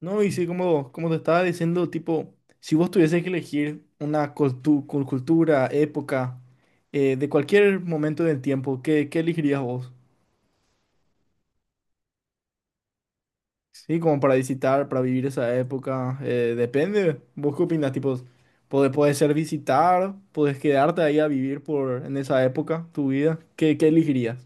No, y sí, como te estaba diciendo, tipo, si vos tuvieses que elegir una cultura, época, de cualquier momento del tiempo, ¿qué elegirías vos? Sí, como para visitar, para vivir esa época, depende. ¿Vos qué opinas? Tipo, puede ser visitar, puedes quedarte ahí a vivir por, en esa época, tu vida. ¿Qué elegirías?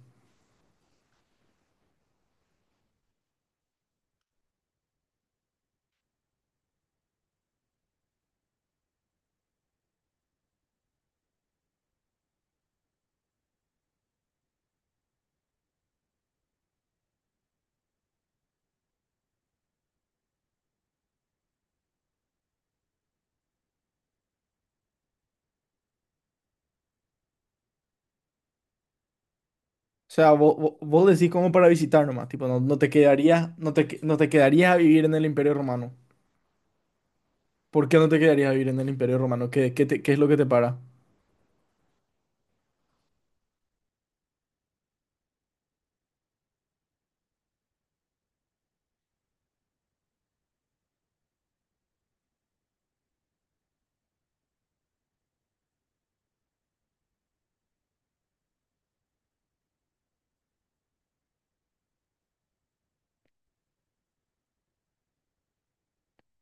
O sea, vos decís como para visitar nomás, tipo, no te quedarías, no te quedarías a vivir en el Imperio Romano. ¿Por qué no te quedarías a vivir en el Imperio Romano? ¿Qué es lo que te para?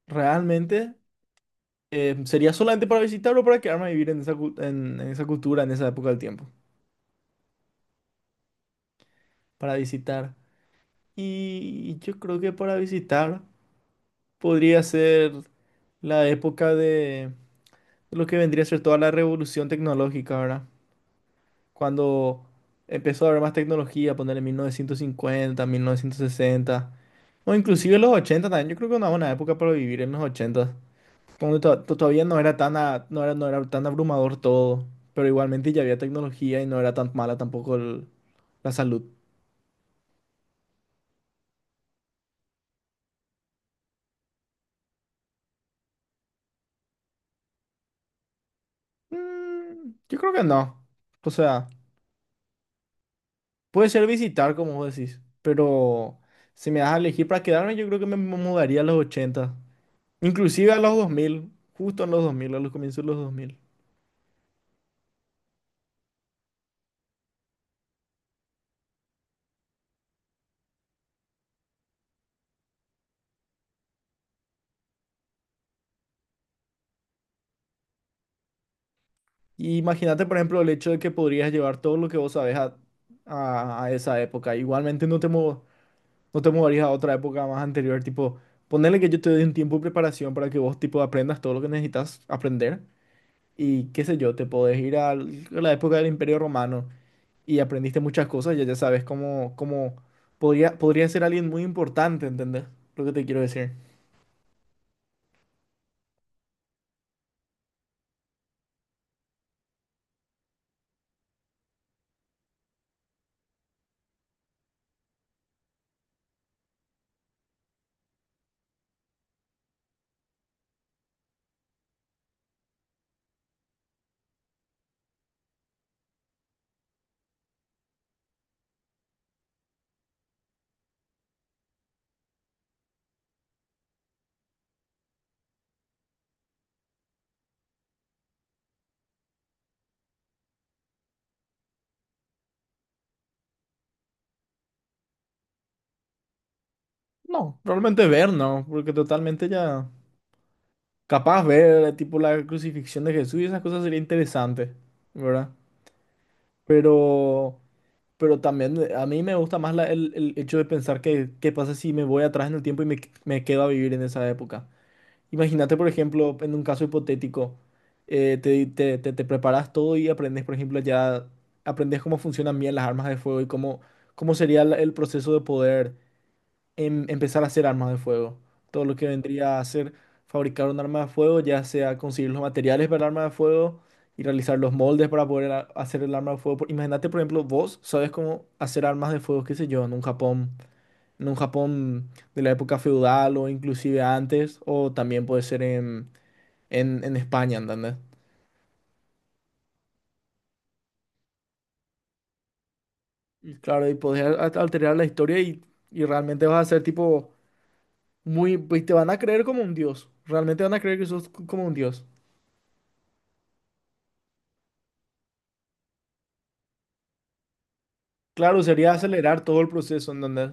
¿Realmente sería solamente para visitarlo o para quedarme a vivir en esa, en esa cultura, en esa época del tiempo? Para visitar. Y yo creo que para visitar podría ser la época de lo que vendría a ser toda la revolución tecnológica, ¿verdad? Cuando empezó a haber más tecnología, poner en 1950, 1960 o inclusive los 80 también. Yo creo que una buena época para vivir en los 80. Como que todavía no era no era tan abrumador todo, pero igualmente ya había tecnología y no era tan mala tampoco la salud. Mm, yo creo que no. O sea, puede ser visitar, como vos decís, pero si me das a elegir para quedarme, yo creo que mudaría a los 80 inclusive a los 2000 justo en los 2000 a los comienzos de los 2000. Y imagínate, por ejemplo, el hecho de que podrías llevar todo lo que vos sabés a, a esa época. Igualmente No te mudarías a otra época más anterior, tipo, ponerle que yo te dé un tiempo de preparación para que vos, tipo, aprendas todo lo que necesitas aprender y qué sé yo, te podés ir a la época del Imperio Romano y aprendiste muchas cosas, ya sabes cómo podría ser alguien muy importante, ¿entendés? Lo que te quiero decir. No, realmente ver, no, porque totalmente ya capaz ver, tipo, la crucifixión de Jesús y esas cosas sería interesante, ¿verdad? Pero... Pero también a mí me gusta más el hecho de pensar que qué pasa si me voy atrás en el tiempo y me quedo a vivir en esa época. Imagínate, por ejemplo, en un caso hipotético, te preparas todo y aprendes, por ejemplo, ya aprendes cómo funcionan bien las armas de fuego y cómo sería el proceso de poder empezar a hacer armas de fuego. Todo lo que vendría a ser fabricar un arma de fuego, ya sea conseguir los materiales para el arma de fuego y realizar los moldes para poder hacer el arma de fuego. Imagínate, por ejemplo, vos sabes cómo hacer armas de fuego, qué sé yo, en un Japón de la época feudal o inclusive antes, o también puede ser en España, ¿entendés? Y claro, y podés alterar la historia y realmente vas a ser tipo muy, pues te van a creer como un dios. Realmente van a creer que sos como un dios. Claro, sería acelerar todo el proceso, ¿entendés?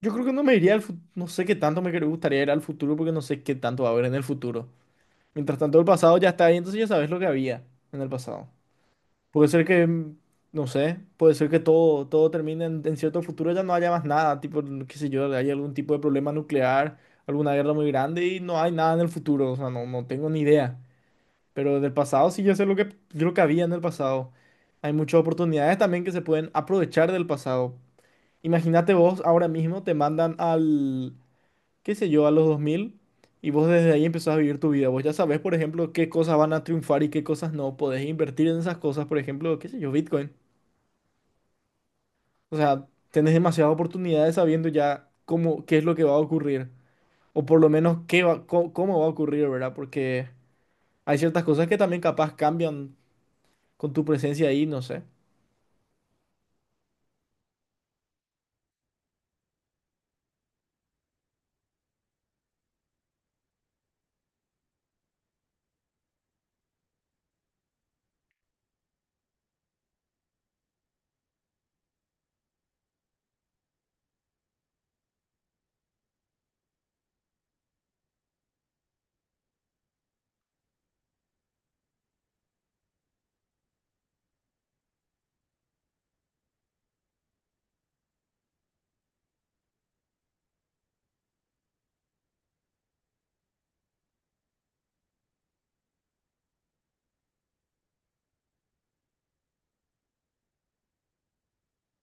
Yo creo que no me iría al futuro, no sé qué tanto me gustaría ir al futuro porque no sé qué tanto va a haber en el futuro. Mientras tanto, el pasado ya está ahí, entonces ya sabes lo que había en el pasado. Puede ser que, mm, no sé, puede ser que todo termine en cierto futuro, ya no haya más nada, tipo, qué sé yo, hay algún tipo de problema nuclear, alguna guerra muy grande y no hay nada en el futuro, o sea, no tengo ni idea. Pero del pasado sí yo sé lo que había en el pasado. Hay muchas oportunidades también que se pueden aprovechar del pasado. Imagínate vos ahora mismo te mandan qué sé yo, a los 2000 y vos desde ahí empezás a vivir tu vida. Vos ya sabés, por ejemplo, qué cosas van a triunfar y qué cosas no. Podés invertir en esas cosas, por ejemplo, qué sé yo, Bitcoin. O sea, tenés demasiadas oportunidades sabiendo ya cómo, qué es lo que va a ocurrir. O por lo menos qué va, cómo, va a ocurrir, ¿verdad? Porque hay ciertas cosas que también capaz cambian con tu presencia ahí, no sé.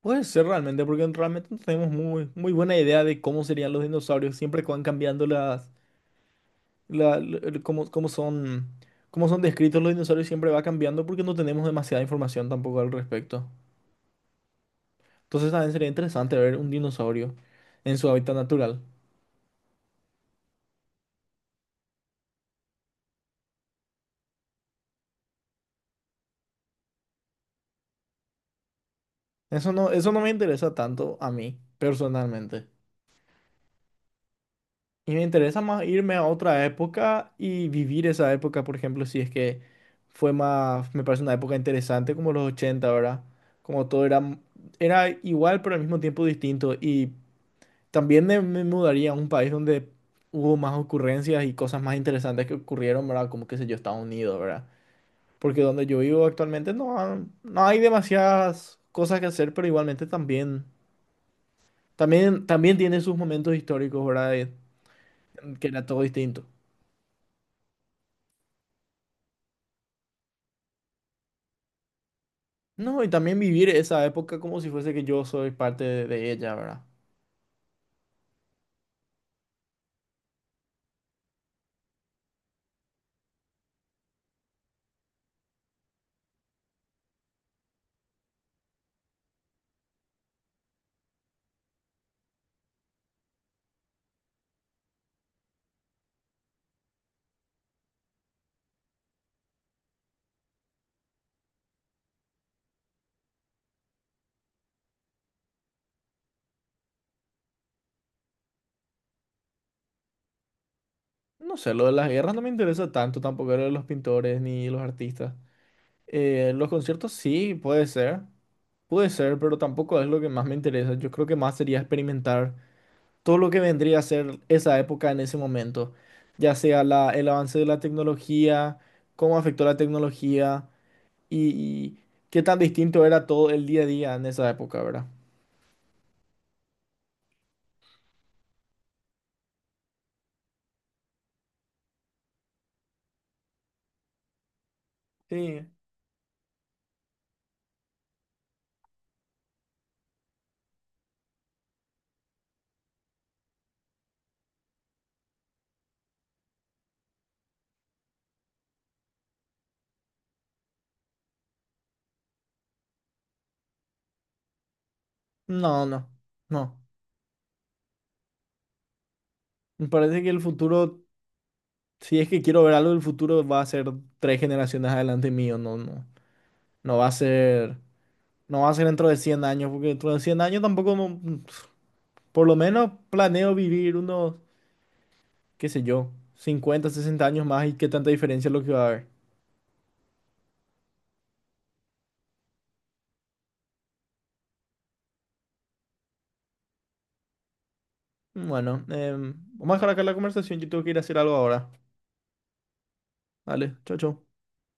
Puede ser realmente, porque realmente no tenemos muy buena idea de cómo serían los dinosaurios siempre que van cambiando las la- el- cómo, cómo son, cómo son descritos los dinosaurios siempre va cambiando porque no tenemos demasiada información tampoco al respecto. Entonces también sería interesante ver un dinosaurio en su hábitat natural. Eso no me interesa tanto a mí, personalmente. Y me interesa más irme a otra época y vivir esa época, por ejemplo, si es que fue más, me parece una época interesante como los ochenta, ¿verdad? Como todo era, era igual, pero al mismo tiempo distinto. Y también me mudaría a un país donde hubo más ocurrencias y cosas más interesantes que ocurrieron, ¿verdad? Como, qué sé yo, Estados Unidos, ¿verdad? Porque donde yo vivo actualmente no, no hay demasiadas cosas que hacer, pero igualmente también tiene sus momentos históricos, ¿verdad? Que era todo distinto. No, y también vivir esa época como si fuese que yo soy parte de ella, ¿verdad? No sé, lo de las guerras no me interesa tanto, tampoco lo de los pintores ni los artistas. Los conciertos sí, puede ser. Puede ser, pero tampoco es lo que más me interesa. Yo creo que más sería experimentar todo lo que vendría a ser esa época en ese momento. Ya sea el avance de la tecnología, cómo afectó la tecnología y, y qué tan distinto era todo el día a día en esa época, ¿verdad? Sí. No, no, no. Me parece que el futuro, si es que quiero ver algo del futuro, va a ser tres generaciones adelante mío. No, no, no va a ser. No va a ser dentro de 100 años, porque dentro de 100 años tampoco, no- por lo menos planeo vivir unos, qué sé yo, 50 60 años más y qué tanta diferencia es lo que va a haber. Bueno, vamos a dejar acá la conversación, yo tengo que ir a hacer algo ahora. Vale, chao, chao.